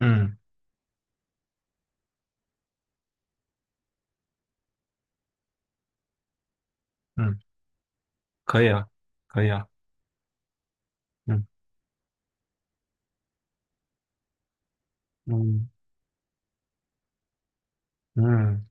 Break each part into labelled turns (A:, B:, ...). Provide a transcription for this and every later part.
A: 嗯嗯，可以啊，可以啊，嗯嗯嗯，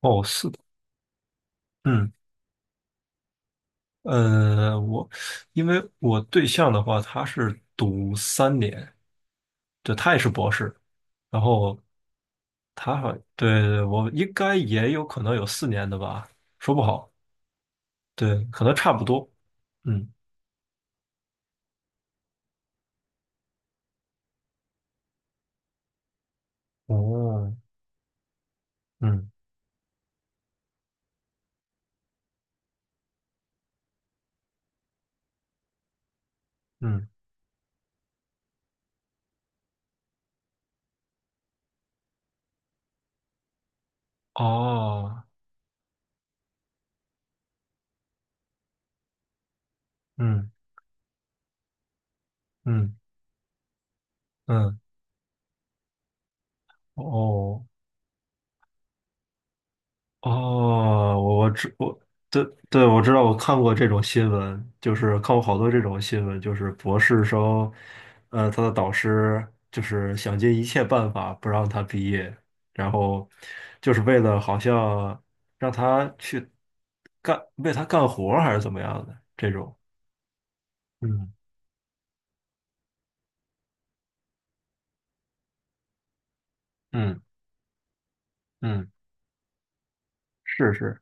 A: 哦，是的，嗯呃，我因为我对象的话，他是读三年，对，他也是博士，然后他好，对对，我应该也有可能有四年的吧，说不好，对，可能差不多，嗯，哦，嗯嗯，哦，嗯嗯嗯，哦，哦，我对对，我知道，我看过这种新闻，就是看过好多这种新闻，就是博士生，他的导师就是想尽一切办法不让他毕业，然后就是为了好像让他去干，为他干活儿还是怎么样的这种，嗯嗯嗯，是是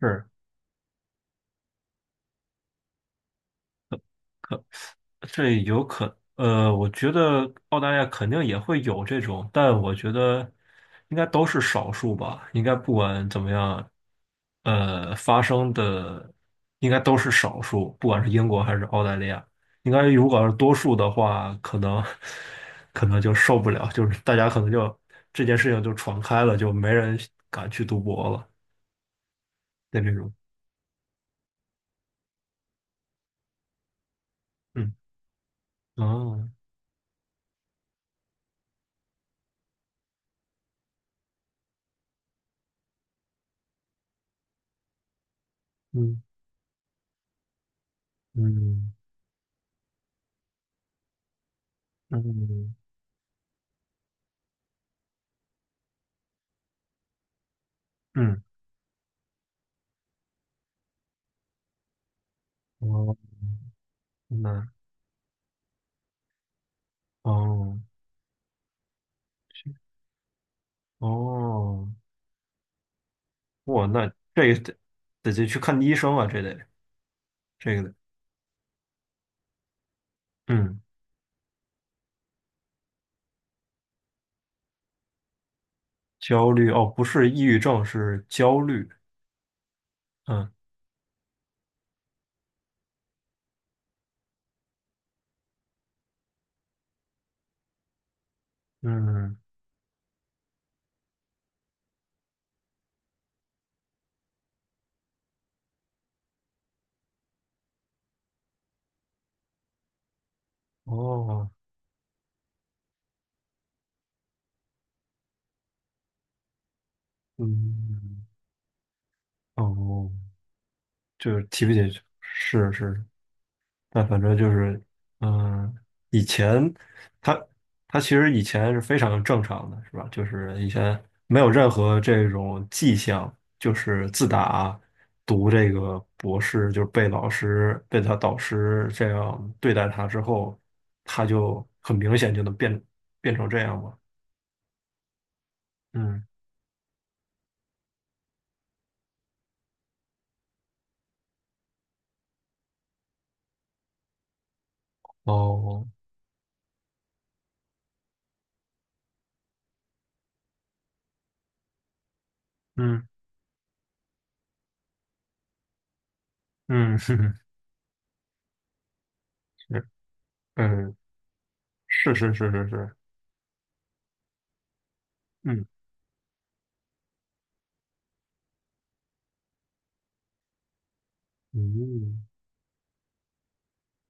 A: 是。可。对，我觉得澳大利亚肯定也会有这种，但我觉得应该都是少数吧。应该不管怎么样，发生的应该都是少数，不管是英国还是澳大利亚。应该如果要是多数的话，可能就受不了，就是大家可能就这件事情就传开了，就没人敢去赌博了的这种。嗯，哦，嗯嗯嗯嗯，哦，那哦。哦，哇，那这个得去看医生啊，这得这个得，嗯，焦虑哦，不是抑郁症，是焦虑，嗯嗯，哦，嗯，哦，就是提不起，是是，但反正就是，嗯，以前他他其实以前是非常正常的，是吧？就是以前没有任何这种迹象，就是自打读这个博士，就是被老师被他导师这样对待他之后，他就很明显就能变成这样嘛。嗯，哦，嗯嗯，是，嗯，是是是是是，嗯嗯，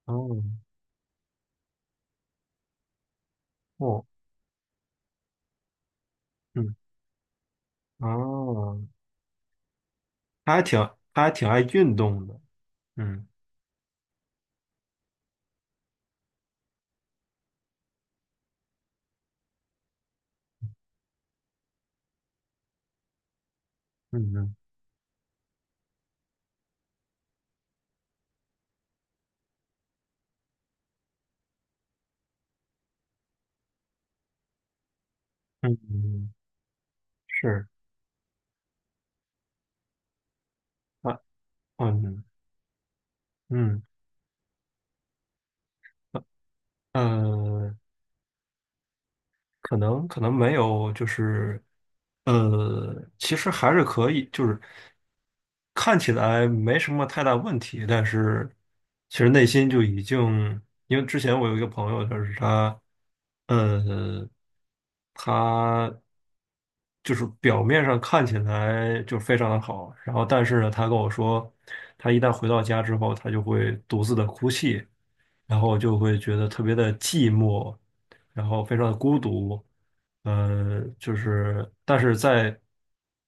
A: 哦哦，嗯哦。他还挺他还挺爱运动的，嗯嗯嗯嗯，嗯是啊，哦嗯嗯呃，可能没有，就是其实还是可以，就是看起来没什么太大问题，但是其实内心就已经，因为之前我有一个朋友，就是他，呃，他就是表面上看起来就非常的好，然后但是呢，他跟我说，他一旦回到家之后，他就会独自的哭泣，然后就会觉得特别的寂寞。然后非常的孤独，就是但是在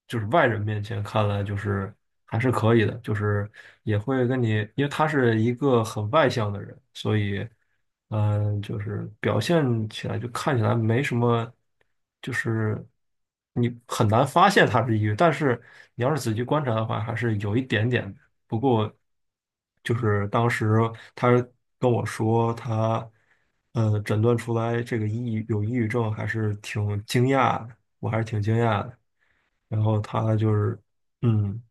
A: 就是外人面前看来，就是还是可以的，就是也会跟你，因为他是一个很外向的人，所以嗯，就是表现起来就看起来没什么，就是你很难发现他是抑郁，但是你要是仔细观察的话，还是有一点点的。不过就是当时他跟我说他，诊断出来这个抑郁有抑郁症，还是挺惊讶的，我还是挺惊讶的。然后他就是，嗯，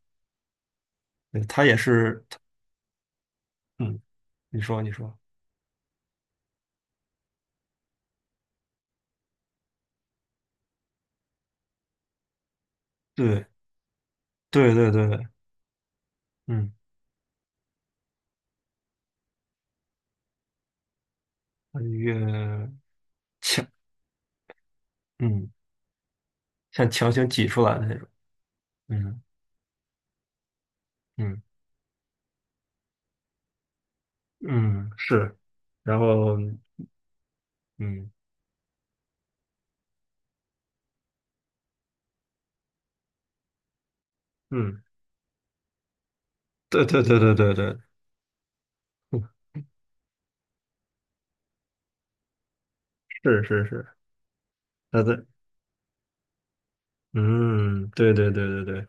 A: 对他也是，嗯，你说你说，对对对对，嗯，他越强，嗯，像强行挤出来的那种，嗯嗯嗯，是，然后嗯嗯，对对对对对对，嗯是是是，他的。嗯，对对对对对，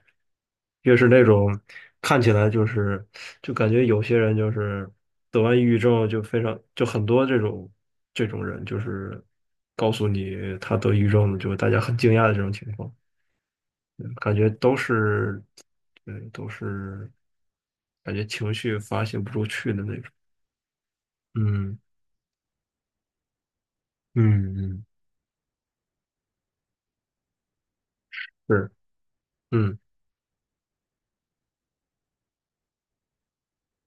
A: 越是那种看起来就是就感觉有些人就是得完抑郁症就非常就很多这种人就是告诉你他得抑郁症了，就大家很惊讶的这种情况，嗯感觉都是对都是感觉情绪发泄不出去的那种。嗯嗯嗯，是，嗯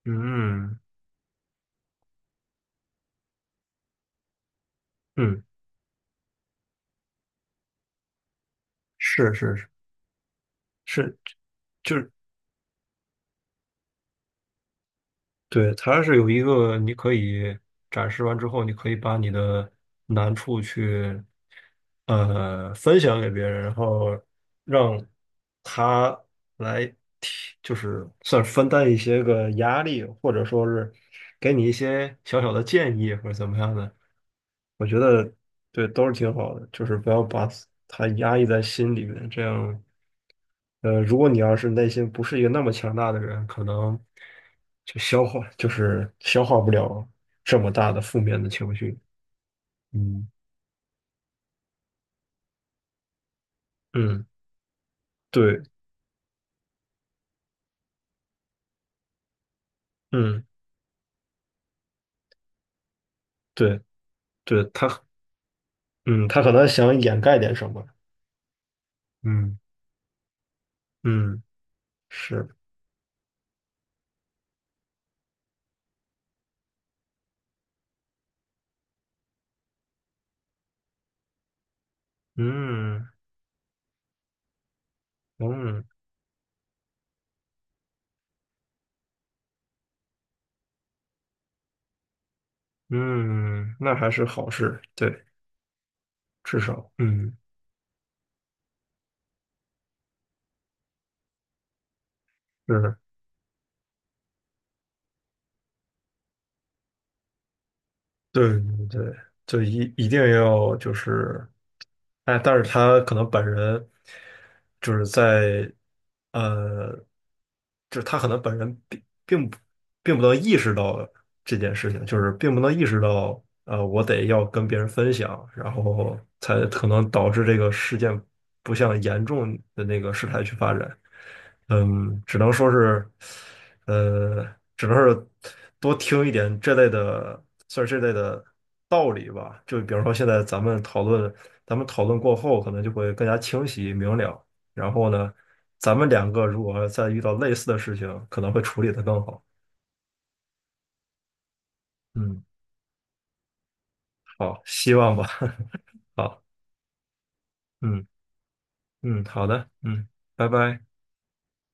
A: 嗯嗯，是是是就是，对，它是有一个你可以展示完之后，你可以把你的难处去分享给别人，然后让他来提，就是算是分担一些个压力，或者说是给你一些小小的建议或者怎么样的。我觉得对都是挺好的，就是不要把它压抑在心里面，这样。如果你要是内心不是一个那么强大的人，可能就消化，就是消化不了这么大的负面的情绪。嗯，嗯，对，嗯，对，对，他，嗯，他可能想掩盖点什么。嗯，嗯，是，嗯，嗯，嗯，那还是好事，对，至少，嗯，是对对对，就一定要就是，哎，但是他可能本人就是在，呃，就是他可能本人并不能意识到这件事情，就是并不能意识到，我得要跟别人分享，然后才可能导致这个事件不向严重的那个事态去发展。嗯，只能说是，呃，只能是多听一点这类的，算是这类的道理吧。就比方说，现在咱们讨论，咱们讨论过后，可能就会更加清晰明了。然后呢，咱们两个如果再遇到类似的事情，可能会处理得更好。嗯，好，希望吧。好，嗯嗯，好的，嗯，拜拜。